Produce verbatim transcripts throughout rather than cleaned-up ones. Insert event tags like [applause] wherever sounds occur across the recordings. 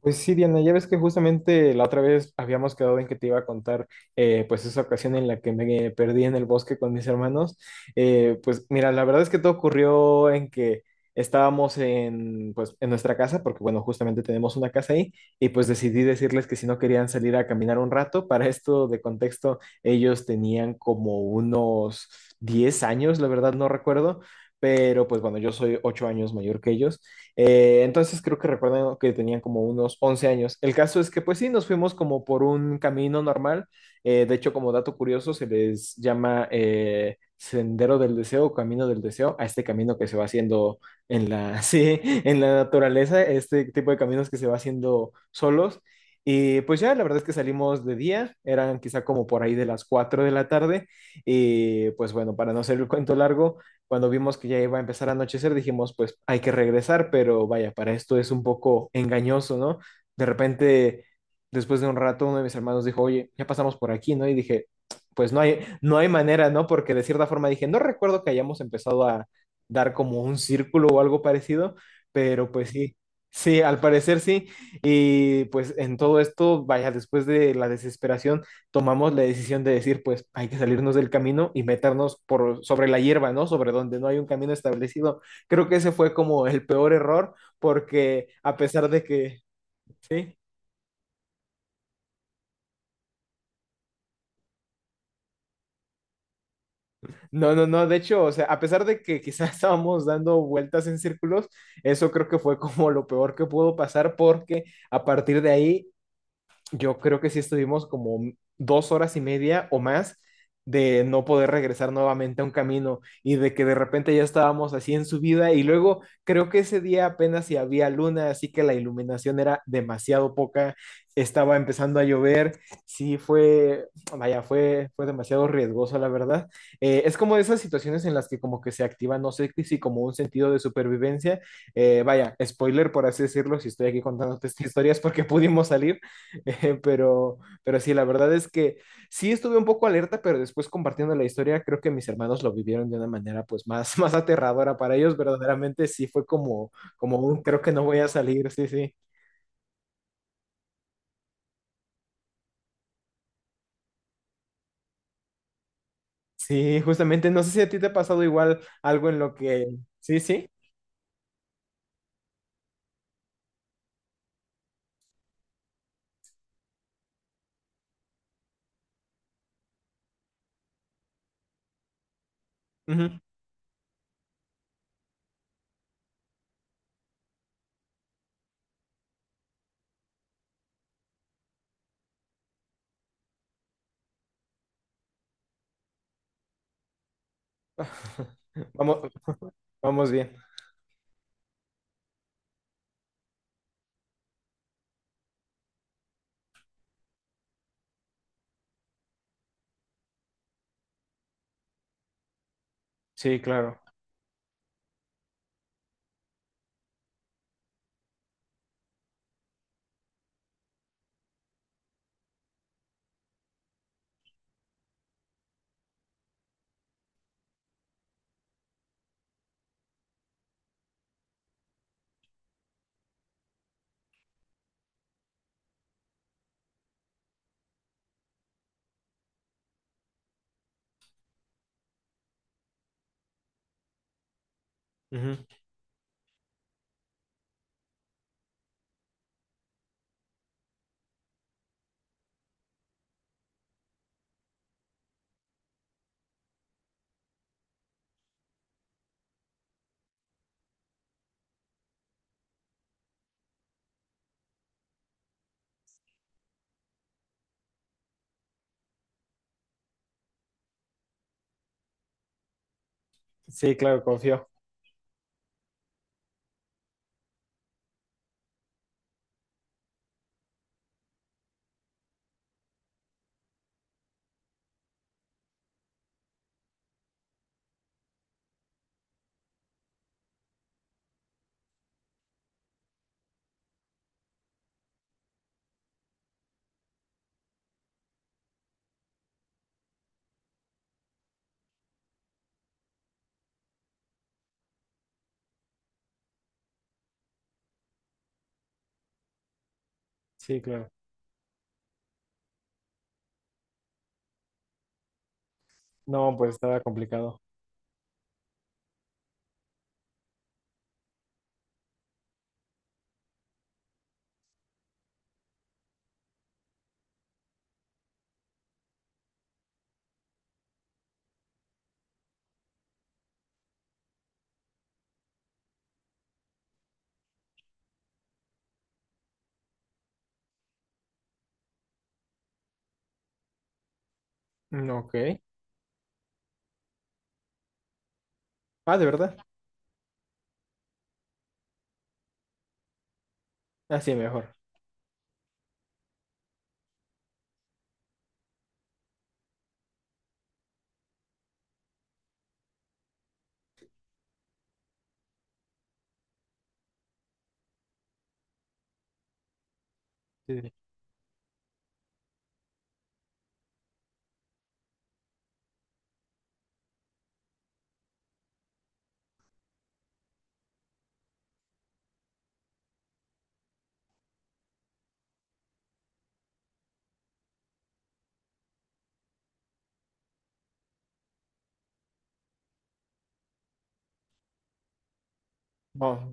Pues sí, Diana, ya ves que justamente la otra vez habíamos quedado en que te iba a contar, eh, pues esa ocasión en la que me perdí en el bosque con mis hermanos. Eh, pues mira, la verdad es que todo ocurrió en que estábamos en, pues, en nuestra casa, porque bueno, justamente tenemos una casa ahí, y pues decidí decirles que si no querían salir a caminar un rato. Para esto de contexto, ellos tenían como unos diez años, la verdad no recuerdo, pero pues bueno, yo soy ocho años mayor que ellos. Eh, entonces creo que recuerdan que tenían como unos once años. El caso es que pues sí, nos fuimos como por un camino normal. Eh, de hecho, como dato curioso, se les llama eh, Sendero del Deseo o Camino del Deseo a este camino que se va haciendo en la, [laughs] sí, en la naturaleza, este tipo de caminos que se va haciendo solos. Y pues ya, la verdad es que salimos de día, eran quizá como por ahí de las cuatro de la tarde. Y pues bueno, para no hacer el cuento largo, cuando vimos que ya iba a empezar a anochecer, dijimos, pues hay que regresar, pero vaya, para esto es un poco engañoso, ¿no? De repente, después de un rato, uno de mis hermanos dijo, oye, ya pasamos por aquí, ¿no? Y dije, pues no hay, no hay manera, ¿no? Porque de cierta forma dije, no recuerdo que hayamos empezado a dar como un círculo o algo parecido, pero pues sí. Sí, al parecer sí. Y pues en todo esto, vaya, después de la desesperación, tomamos la decisión de decir, pues hay que salirnos del camino y meternos por sobre la hierba, ¿no? Sobre donde no hay un camino establecido. Creo que ese fue como el peor error porque a pesar de que, sí, no, no, no, de hecho, o sea, a pesar de que quizás [laughs] estábamos dando vueltas en círculos, eso creo que fue como lo peor que pudo pasar porque a partir de ahí yo creo que sí estuvimos como dos horas y media o más de no poder regresar nuevamente a un camino. Y de que de repente ya estábamos así en subida y luego creo que ese día apenas si había luna, así que la iluminación era demasiado poca, estaba empezando a llover, sí fue, vaya, fue, fue demasiado riesgoso la verdad. Eh, es como de esas situaciones en las que como que se activa, no sé si como un sentido de supervivencia, eh, vaya, spoiler por así decirlo, si estoy aquí contándote estas historias porque pudimos salir. [laughs] Pero, pero sí, la verdad es que sí estuve un poco alerta, pero después compartiendo la historia, creo que mis hermanos lo vivieron de una manera pues más, [laughs] más aterradora. Para ellos verdaderamente sí fue como, como un creo que no voy a salir, sí, sí. Sí, justamente, no sé si a ti te ha pasado igual algo en lo que... Sí, sí. Ujú. [laughs] Vamos, vamos bien. Sí, claro. Ujú. Sí, claro, confío. Sí, claro. No, pues estaba complicado. Mm, ok. Ah, ¿de verdad? Así mejor. Sí, sí. No.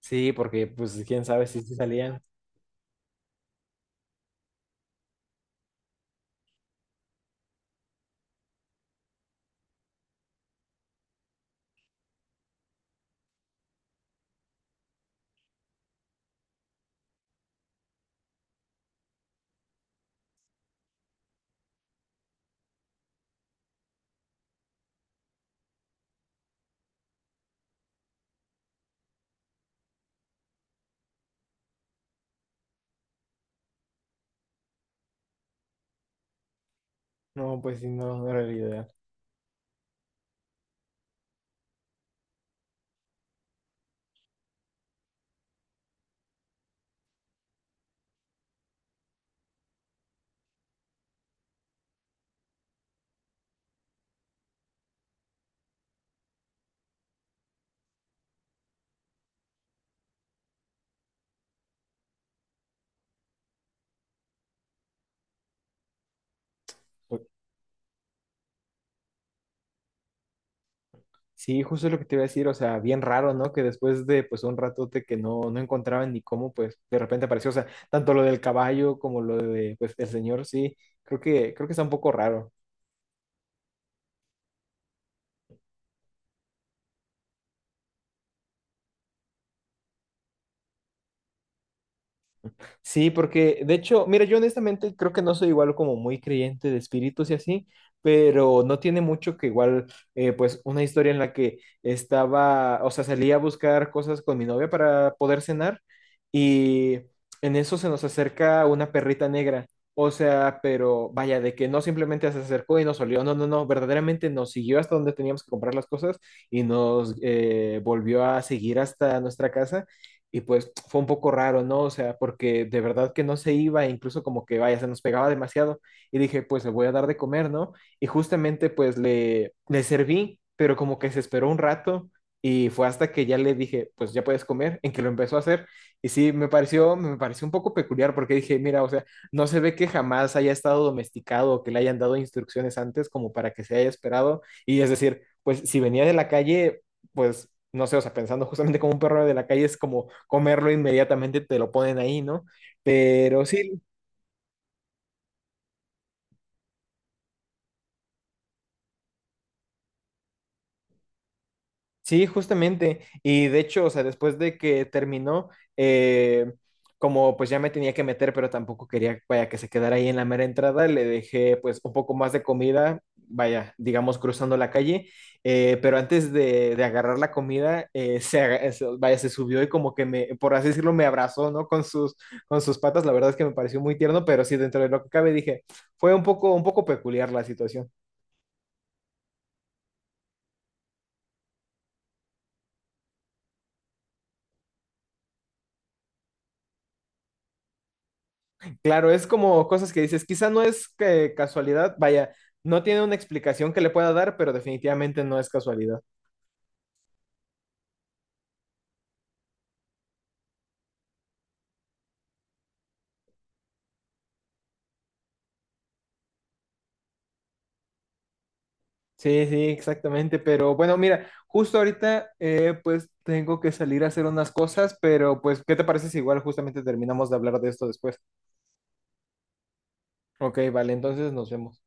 Sí, porque pues quién sabe si sí salían. No, pues sí, no, no era la idea. Pues, sí, justo lo que te iba a decir, o sea, bien raro, ¿no? Que después de pues un ratote que no, no encontraban ni cómo, pues de repente apareció, o sea, tanto lo del caballo como lo de pues el señor, sí, creo que, creo que está un poco raro. Sí, porque de hecho, mira, yo honestamente creo que no soy igual como muy creyente de espíritus y así, pero no tiene mucho que igual, eh, pues una historia en la que estaba, o sea, salía a buscar cosas con mi novia para poder cenar y en eso se nos acerca una perrita negra, o sea, pero vaya, de que no simplemente se acercó y nos olió, no, no, no, verdaderamente nos siguió hasta donde teníamos que comprar las cosas y nos eh, volvió a seguir hasta nuestra casa. Y pues fue un poco raro, ¿no? O sea, porque de verdad que no se iba, e incluso como que vaya, se nos pegaba demasiado. Y dije, pues le voy a dar de comer, ¿no? Y justamente pues le, le serví, pero como que se esperó un rato y fue hasta que ya le dije, pues ya puedes comer, en que lo empezó a hacer. Y sí, me pareció, me pareció un poco peculiar porque dije, mira, o sea, no se ve que jamás haya estado domesticado o que le hayan dado instrucciones antes como para que se haya esperado. Y es decir, pues si venía de la calle, pues, no sé, o sea, pensando justamente como un perro de la calle es como comerlo inmediatamente, te lo ponen ahí, ¿no? Pero sí. Sí, justamente. Y de hecho, o sea, después de que terminó, eh, como pues ya me tenía que meter, pero tampoco quería, vaya, que se quedara ahí en la mera entrada, le dejé pues un poco más de comida, vaya, digamos, cruzando la calle. Eh, pero antes de, de agarrar la comida, eh, se, aga- eh, se- vaya, se subió y como que me, por así decirlo, me abrazó, ¿no? Con sus, con sus patas. La verdad es que me pareció muy tierno, pero sí, dentro de lo que cabe, dije, fue un poco, un poco peculiar la situación. Claro, es como cosas que dices, quizá no es que casualidad, vaya, no tiene una explicación que le pueda dar, pero definitivamente no es casualidad. Sí, sí, exactamente, pero bueno, mira, justo ahorita eh, pues tengo que salir a hacer unas cosas, pero pues, ¿qué te parece si igual justamente terminamos de hablar de esto después? Ok, vale, entonces nos vemos.